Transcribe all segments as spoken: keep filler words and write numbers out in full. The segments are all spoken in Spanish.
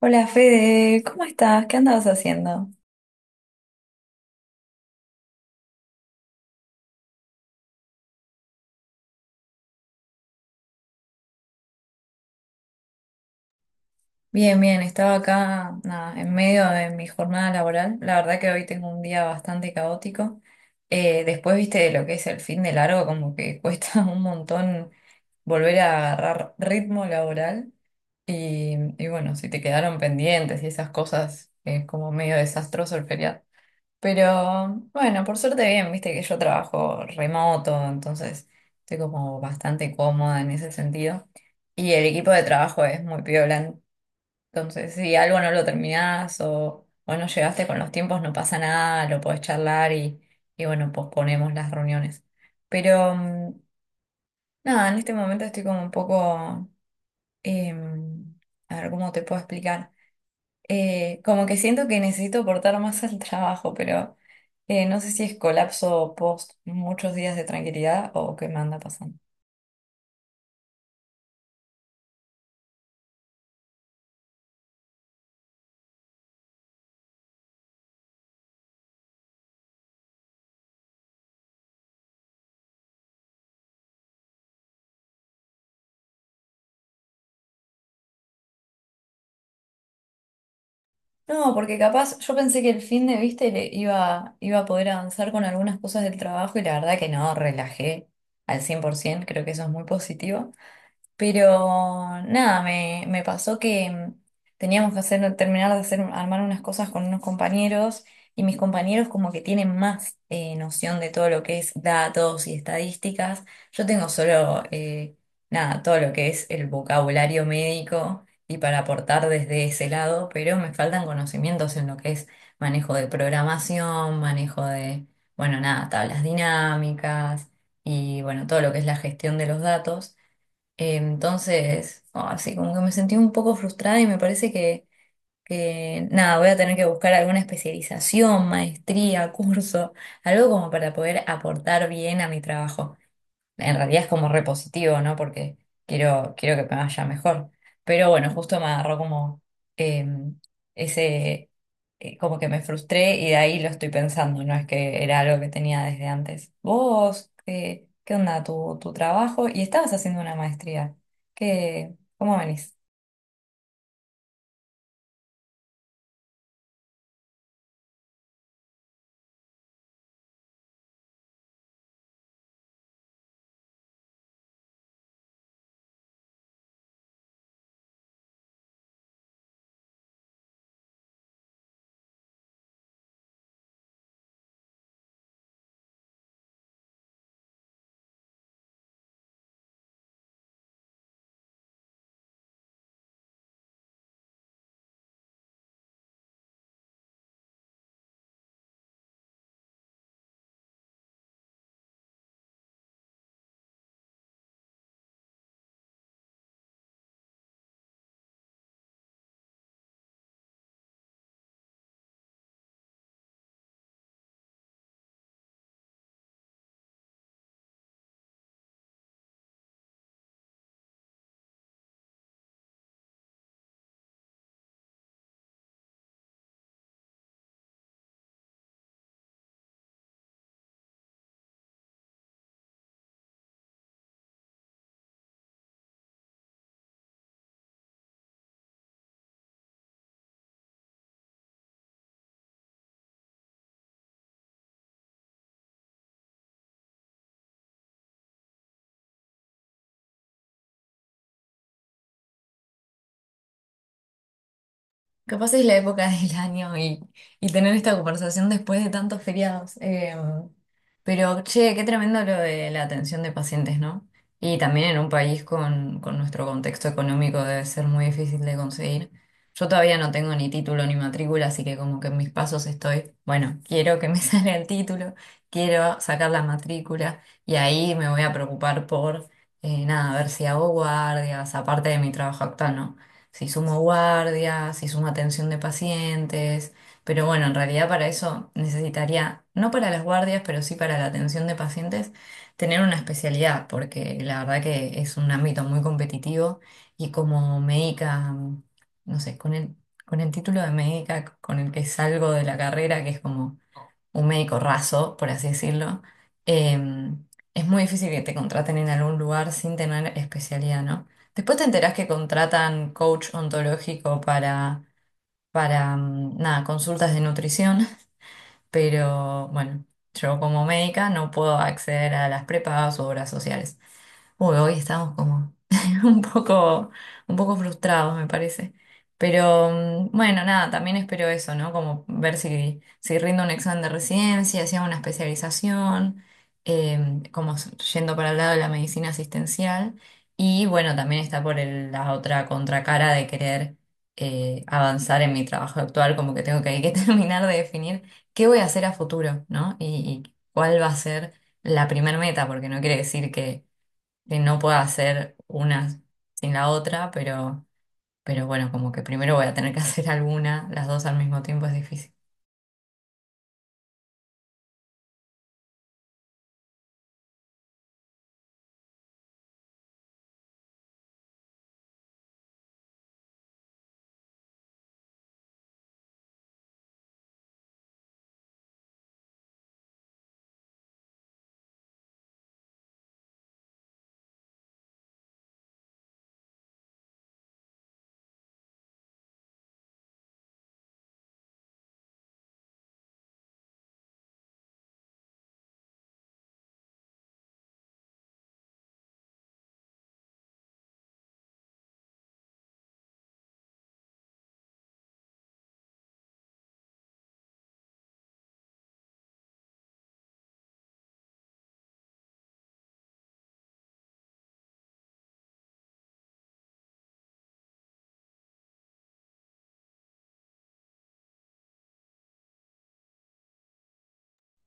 Hola Fede, ¿cómo estás? ¿Qué andabas haciendo? Bien, bien, estaba acá, nada, en medio de mi jornada laboral. La verdad que hoy tengo un día bastante caótico. Eh, después, viste, de lo que es el fin de largo, como que cuesta un montón volver a agarrar ritmo laboral. Y, y bueno, si te quedaron pendientes y esas cosas, es como medio desastroso el feriado. Pero bueno, por suerte bien, viste que yo trabajo remoto, entonces estoy como bastante cómoda en ese sentido. Y el equipo de trabajo es muy piola, entonces si algo no lo terminás o, o no llegaste con los tiempos, no pasa nada, lo podés charlar y, y bueno, posponemos las reuniones. Pero mm, nada, en este momento estoy como un poco, em, a ver cómo te puedo explicar. Eh, como que siento que necesito aportar más al trabajo, pero eh, no sé si es colapso post muchos días de tranquilidad o qué me anda pasando. No, porque capaz yo pensé que el fin de viste le iba, iba a poder avanzar con algunas cosas del trabajo y la verdad que no, relajé al cien por ciento, creo que eso es muy positivo. Pero nada, me, me pasó que mm, teníamos que hacer, terminar de hacer, armar unas cosas con unos compañeros y mis compañeros como que tienen más eh, noción de todo lo que es datos y estadísticas. Yo tengo solo, eh, nada, todo lo que es el vocabulario médico y para aportar desde ese lado, pero me faltan conocimientos en lo que es manejo de programación, manejo de, bueno, nada, tablas dinámicas y bueno, todo lo que es la gestión de los datos. Entonces, no, así como que me sentí un poco frustrada y me parece que, que, nada, voy a tener que buscar alguna especialización, maestría, curso, algo como para poder aportar bien a mi trabajo en realidad es como repositivo, ¿no? Porque quiero, quiero que me vaya mejor. Pero bueno, justo me agarró como eh, ese, eh, como que me frustré y de ahí lo estoy pensando, no es que era algo que tenía desde antes. Vos, ¿qué, qué onda tu, tu trabajo? Y estabas haciendo una maestría. ¿Qué, cómo venís? Capaz es la época del año y, y tener esta conversación después de tantos feriados. Eh, pero, che, qué tremendo lo de la atención de pacientes, ¿no? Y también en un país con, con nuestro contexto económico debe ser muy difícil de conseguir. Yo todavía no tengo ni título ni matrícula, así que como que en mis pasos estoy, bueno, quiero que me salga el título, quiero sacar la matrícula y ahí me voy a preocupar por, eh, nada, ver si hago guardias, aparte de mi trabajo actual, ¿no? Se sumó guardia, se sumó atención de pacientes, pero bueno, en realidad para eso necesitaría, no para las guardias, pero sí para la atención de pacientes, tener una especialidad, porque la verdad que es un ámbito muy competitivo y como médica, no sé, con el, con el título de médica con el que salgo de la carrera, que es como un médico raso, por así decirlo, eh, es muy difícil que te contraten en algún lugar sin tener especialidad, ¿no? Después te enterás que contratan coach ontológico para, para mm, nada, consultas de nutrición, pero bueno, yo como médica no puedo acceder a las prepagas u obras sociales. Uy, hoy estamos como un poco, un poco frustrados, me parece. Pero mm, bueno, nada, también espero eso, ¿no? Como ver si, si rindo un examen de residencia, si hago una especialización, eh, como s- yendo para el lado de la medicina asistencial. Y bueno, también está por el- la otra contracara de querer eh, avanzar en mi trabajo actual, como que tengo que, hay que terminar de definir qué voy a hacer a futuro, ¿no? Y, y cuál va a ser la primer meta, porque no quiere decir que que no pueda hacer una sin la otra, pero, pero bueno, como que primero voy a tener que hacer alguna, las dos al mismo tiempo es difícil.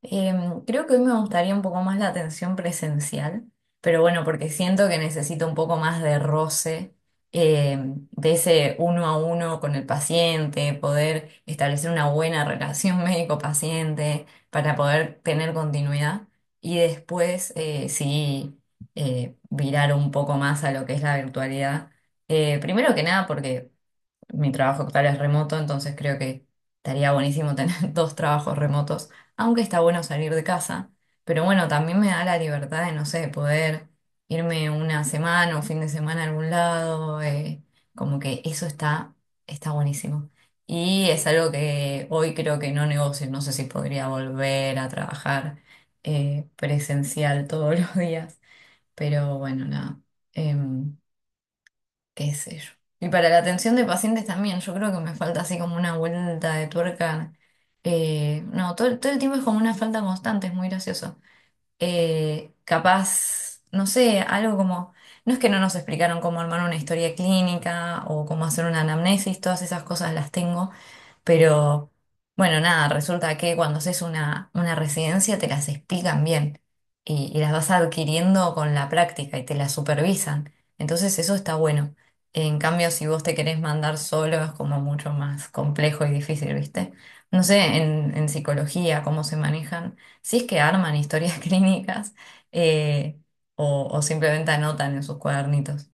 Em, creo que hoy me gustaría un poco más la atención presencial, pero bueno, porque siento que necesito un poco más de roce, em, de ese uno a uno con el paciente, poder establecer una buena relación médico-paciente para poder tener continuidad y después eh, sí eh, virar un poco más a lo que es la virtualidad. Eh, primero que nada, porque mi trabajo actual es remoto, entonces creo que estaría buenísimo tener dos trabajos remotos, aunque está bueno salir de casa. Pero bueno, también me da la libertad de, no sé, poder irme una semana o fin de semana a algún lado. Eh, como que eso está, está buenísimo. Y es algo que hoy creo que no negocio. No sé si podría volver a trabajar eh, presencial todos los días. Pero bueno, nada. em, Qué sé yo. Y para la atención de pacientes también, yo creo que me falta así como una vuelta de tuerca. Eh, no, todo, todo el tiempo es como una falta constante, es muy gracioso eh, capaz, no sé, algo como, no es que no nos explicaron cómo armar una historia clínica o cómo hacer una anamnesis, todas esas cosas las tengo, pero bueno, nada, resulta que cuando haces una, una residencia te las explican bien y, y las vas adquiriendo con la práctica y te las supervisan, entonces eso está bueno. En cambio, si vos te querés mandar solo, es como mucho más complejo y difícil, ¿viste? No sé, en, en psicología, cómo se manejan. Si es que arman historias clínicas eh, o, o simplemente anotan en sus cuadernitos.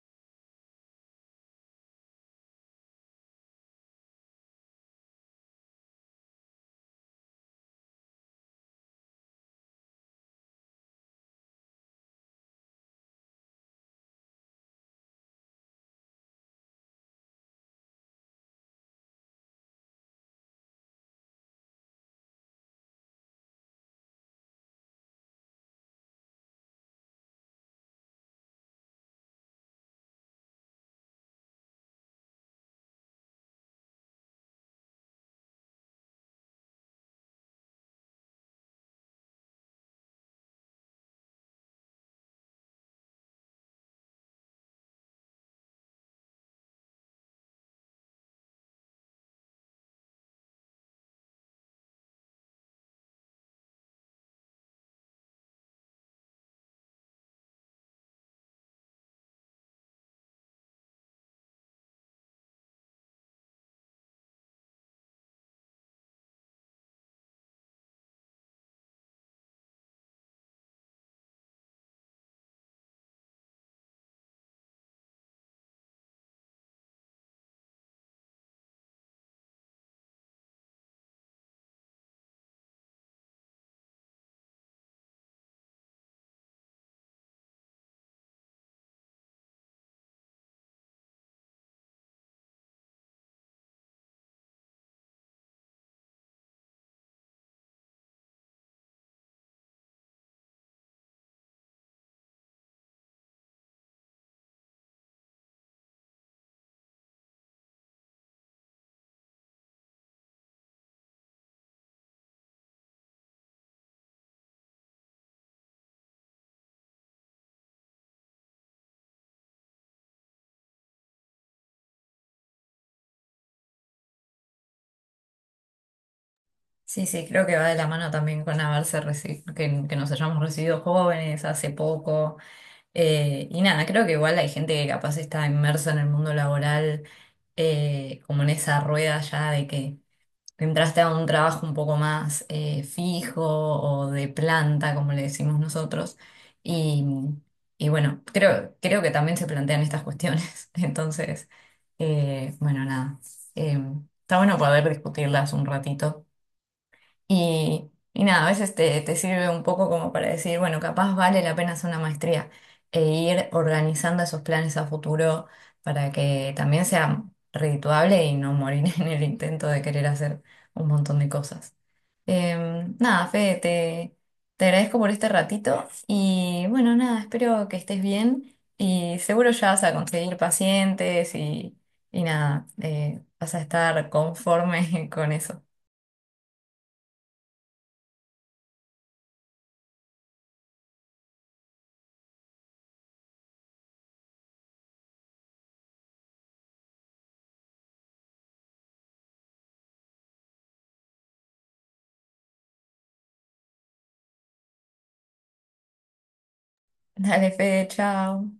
Sí, sí, creo que va de la mano también con haberse reci- que, que nos hayamos recibido jóvenes hace poco. Eh, y nada, creo que igual hay gente que capaz está inmersa en el mundo laboral, eh, como en esa rueda ya de que entraste a un trabajo un poco más eh, fijo o de planta, como le decimos nosotros. Y, y bueno, creo, creo que también se plantean estas cuestiones. Entonces, eh, bueno, nada. Eh, Está bueno poder discutirlas un ratito. Y, y nada, a veces te, te sirve un poco como para decir, bueno, capaz vale la pena hacer una maestría e ir organizando esos planes a futuro para que también sea redituable y no morir en el intento de querer hacer un montón de cosas. Em, nada, Fede, te, te agradezco por este ratito y bueno, nada, espero que estés bien y seguro ya vas a conseguir pacientes y, y nada, eh, vas a estar conforme con eso. Dale, Fede, chao.